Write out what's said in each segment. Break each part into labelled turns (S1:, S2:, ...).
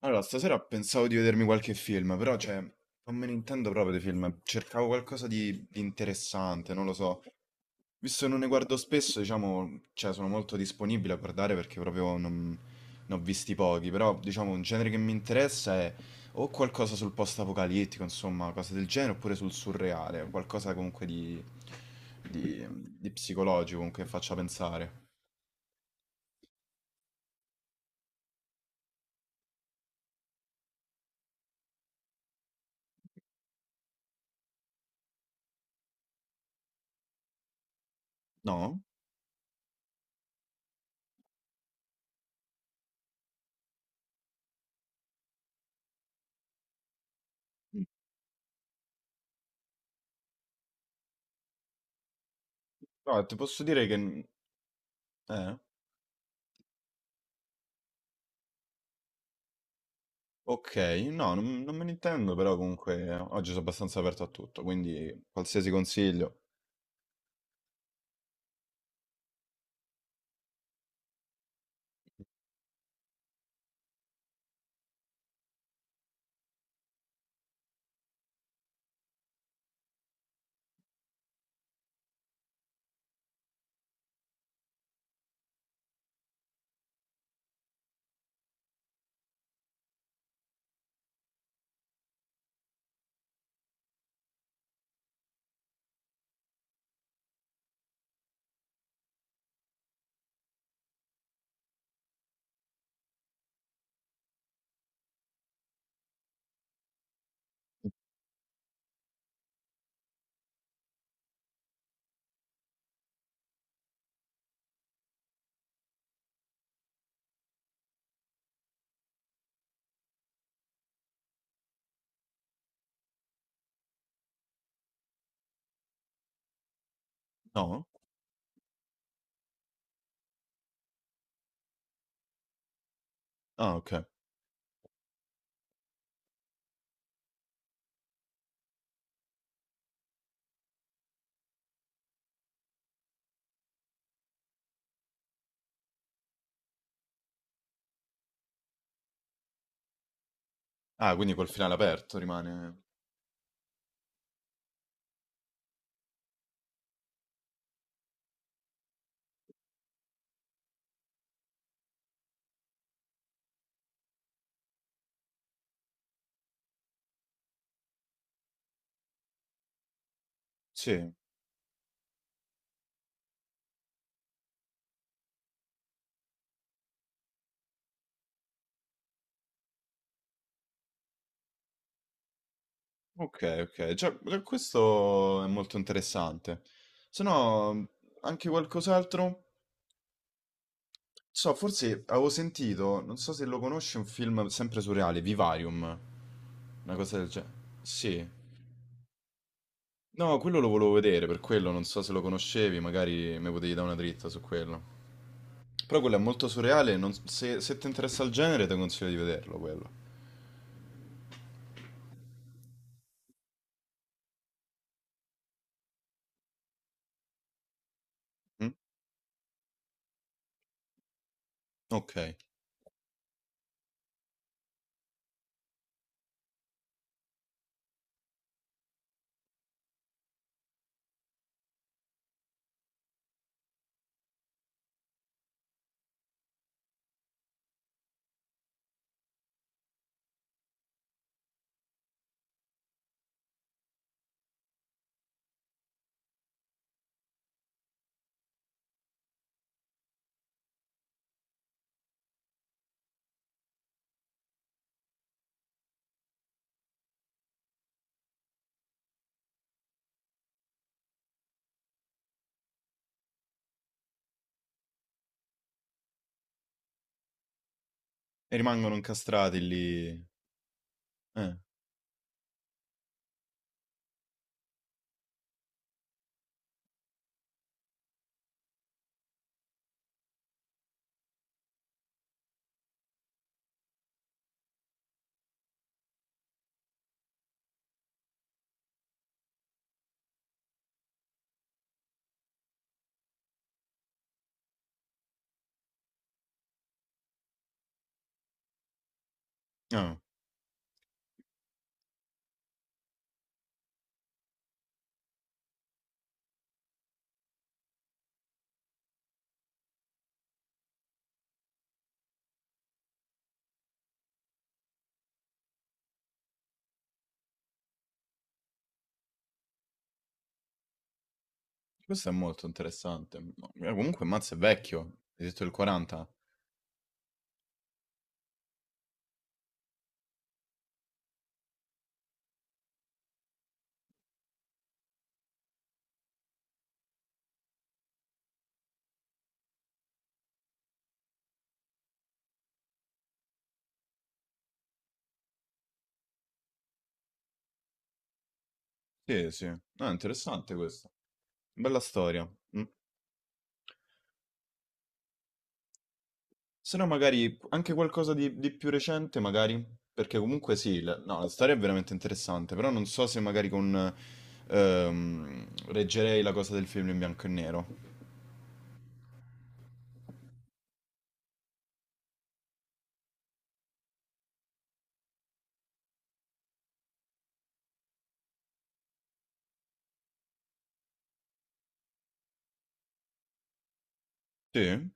S1: Allora, stasera pensavo di vedermi qualche film, però non me ne intendo proprio di film. Cercavo qualcosa di interessante, non lo so. Visto che non ne guardo spesso, diciamo, cioè, sono molto disponibile a guardare perché proprio non, ne ho visti pochi. Però, diciamo, un genere che mi interessa è o qualcosa sul post-apocalittico, insomma, cose del genere, oppure sul surreale, qualcosa comunque di, di psicologico, comunque che faccia pensare. No? No, ti posso dire che... Eh? Ok, non me ne intendo, però comunque oggi sono abbastanza aperto a tutto, quindi qualsiasi consiglio. No? Ah, ok. Ah, quindi col finale aperto rimane. Sì, ok, ok. Già, già questo è molto interessante. Se no, anche qualcos'altro? Non so, forse avevo sentito, non so se lo conosci, un film sempre surreale, Vivarium. Una cosa del genere. Sì. No, quello lo volevo vedere, per quello non so se lo conoscevi, magari mi potevi dare una dritta su quello. Però quello è molto surreale, se, se ti interessa il genere ti consiglio di vederlo quello. Mm? Ok. E rimangono incastrati lì. Eh. Ah, questo è molto interessante. Comunque Mazz è vecchio, hai detto il 40. Sì, sì. No, è interessante questo. Bella storia. Mm. Se no magari anche qualcosa di più recente, magari. Perché comunque sì, la, no, la storia è veramente interessante, però non so se magari con... reggerei la cosa del film in bianco e nero. Sì,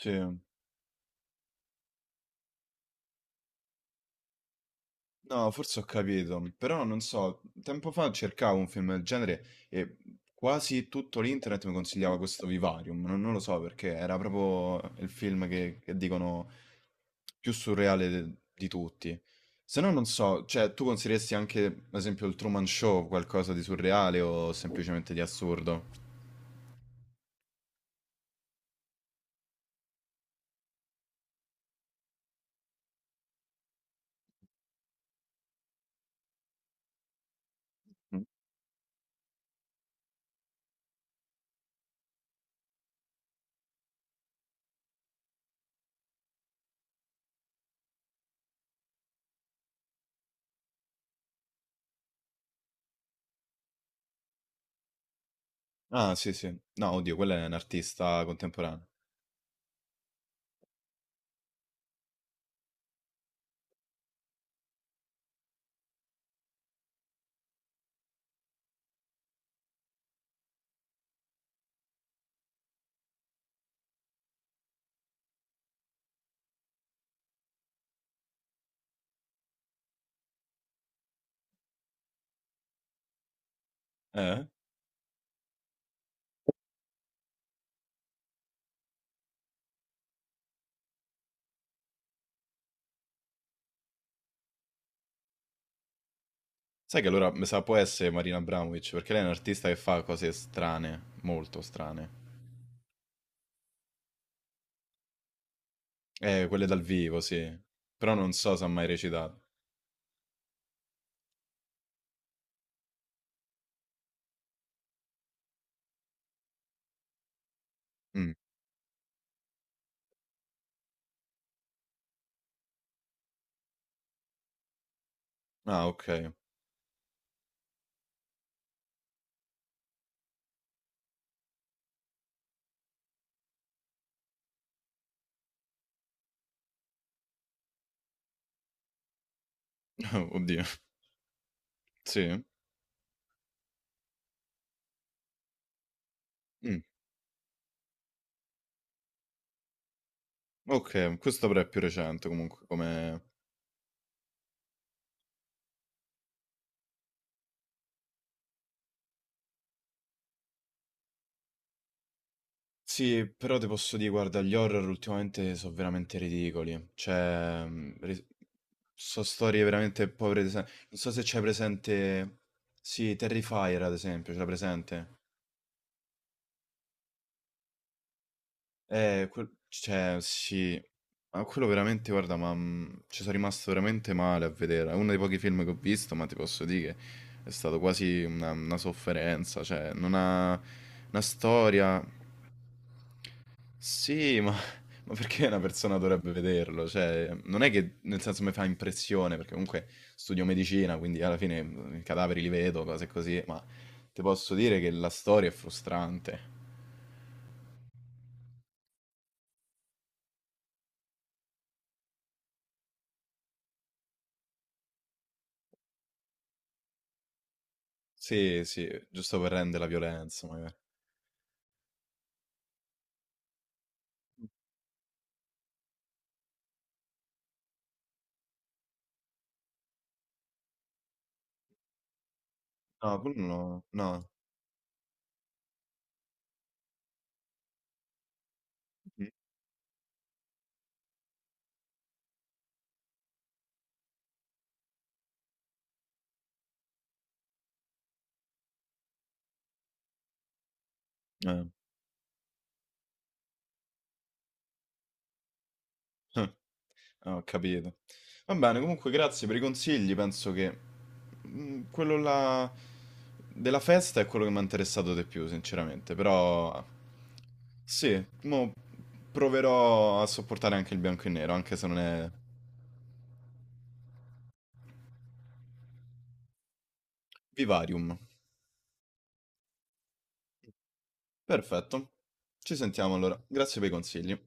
S1: sì. No, forse ho capito, però non so, tempo fa cercavo un film del genere e quasi tutto l'internet mi consigliava questo Vivarium, non lo so perché era proprio il film che dicono più surreale di tutti. Se no non so, cioè tu consiglieresti anche, ad esempio, il Truman Show qualcosa di surreale o semplicemente di assurdo? Mm. Ah, sì, sì. No, oddio, quello è un artista contemporaneo. Eh? Sai che allora mi sa può essere Marina Abramovic, perché lei è un'artista che fa cose strane, molto strane. Quelle dal vivo, sì. Però non so se ha mai recitato. Mm. Ah, ok. Oddio. Sì. Mm. Ok, questo però è più recente comunque come... Sì, però ti posso dire, guarda, gli horror ultimamente sono veramente ridicoli. Cioè, so storie veramente povere di non so se c'è presente... Sì, Terrifier ad esempio, ce l'ha presente? Cioè, sì, ma quello veramente, guarda, ci sono rimasto veramente male a vedere. È uno dei pochi film che ho visto, ma ti posso dire che è stato quasi una sofferenza. Cioè, non ha una storia. Sì, ma, ma perché una persona dovrebbe vederlo? Cioè, non è che nel senso mi fa impressione, perché comunque studio medicina, quindi alla fine i cadaveri li vedo, cose così, ma ti posso dire che la storia è frustrante. Sì, sì, giusto per rendere la violenza, magari. No, quello no. No. Mh-mh. Eh. Eh. Ho capito. Va bene, comunque grazie per i consigli. Penso che, mhmm, quello là della festa è quello che m'ha interessato di più, sinceramente. Però sì, mo proverò a sopportare anche il bianco e nero, anche se non è vivarium. Perfetto. Ci sentiamo allora. Grazie per i consigli.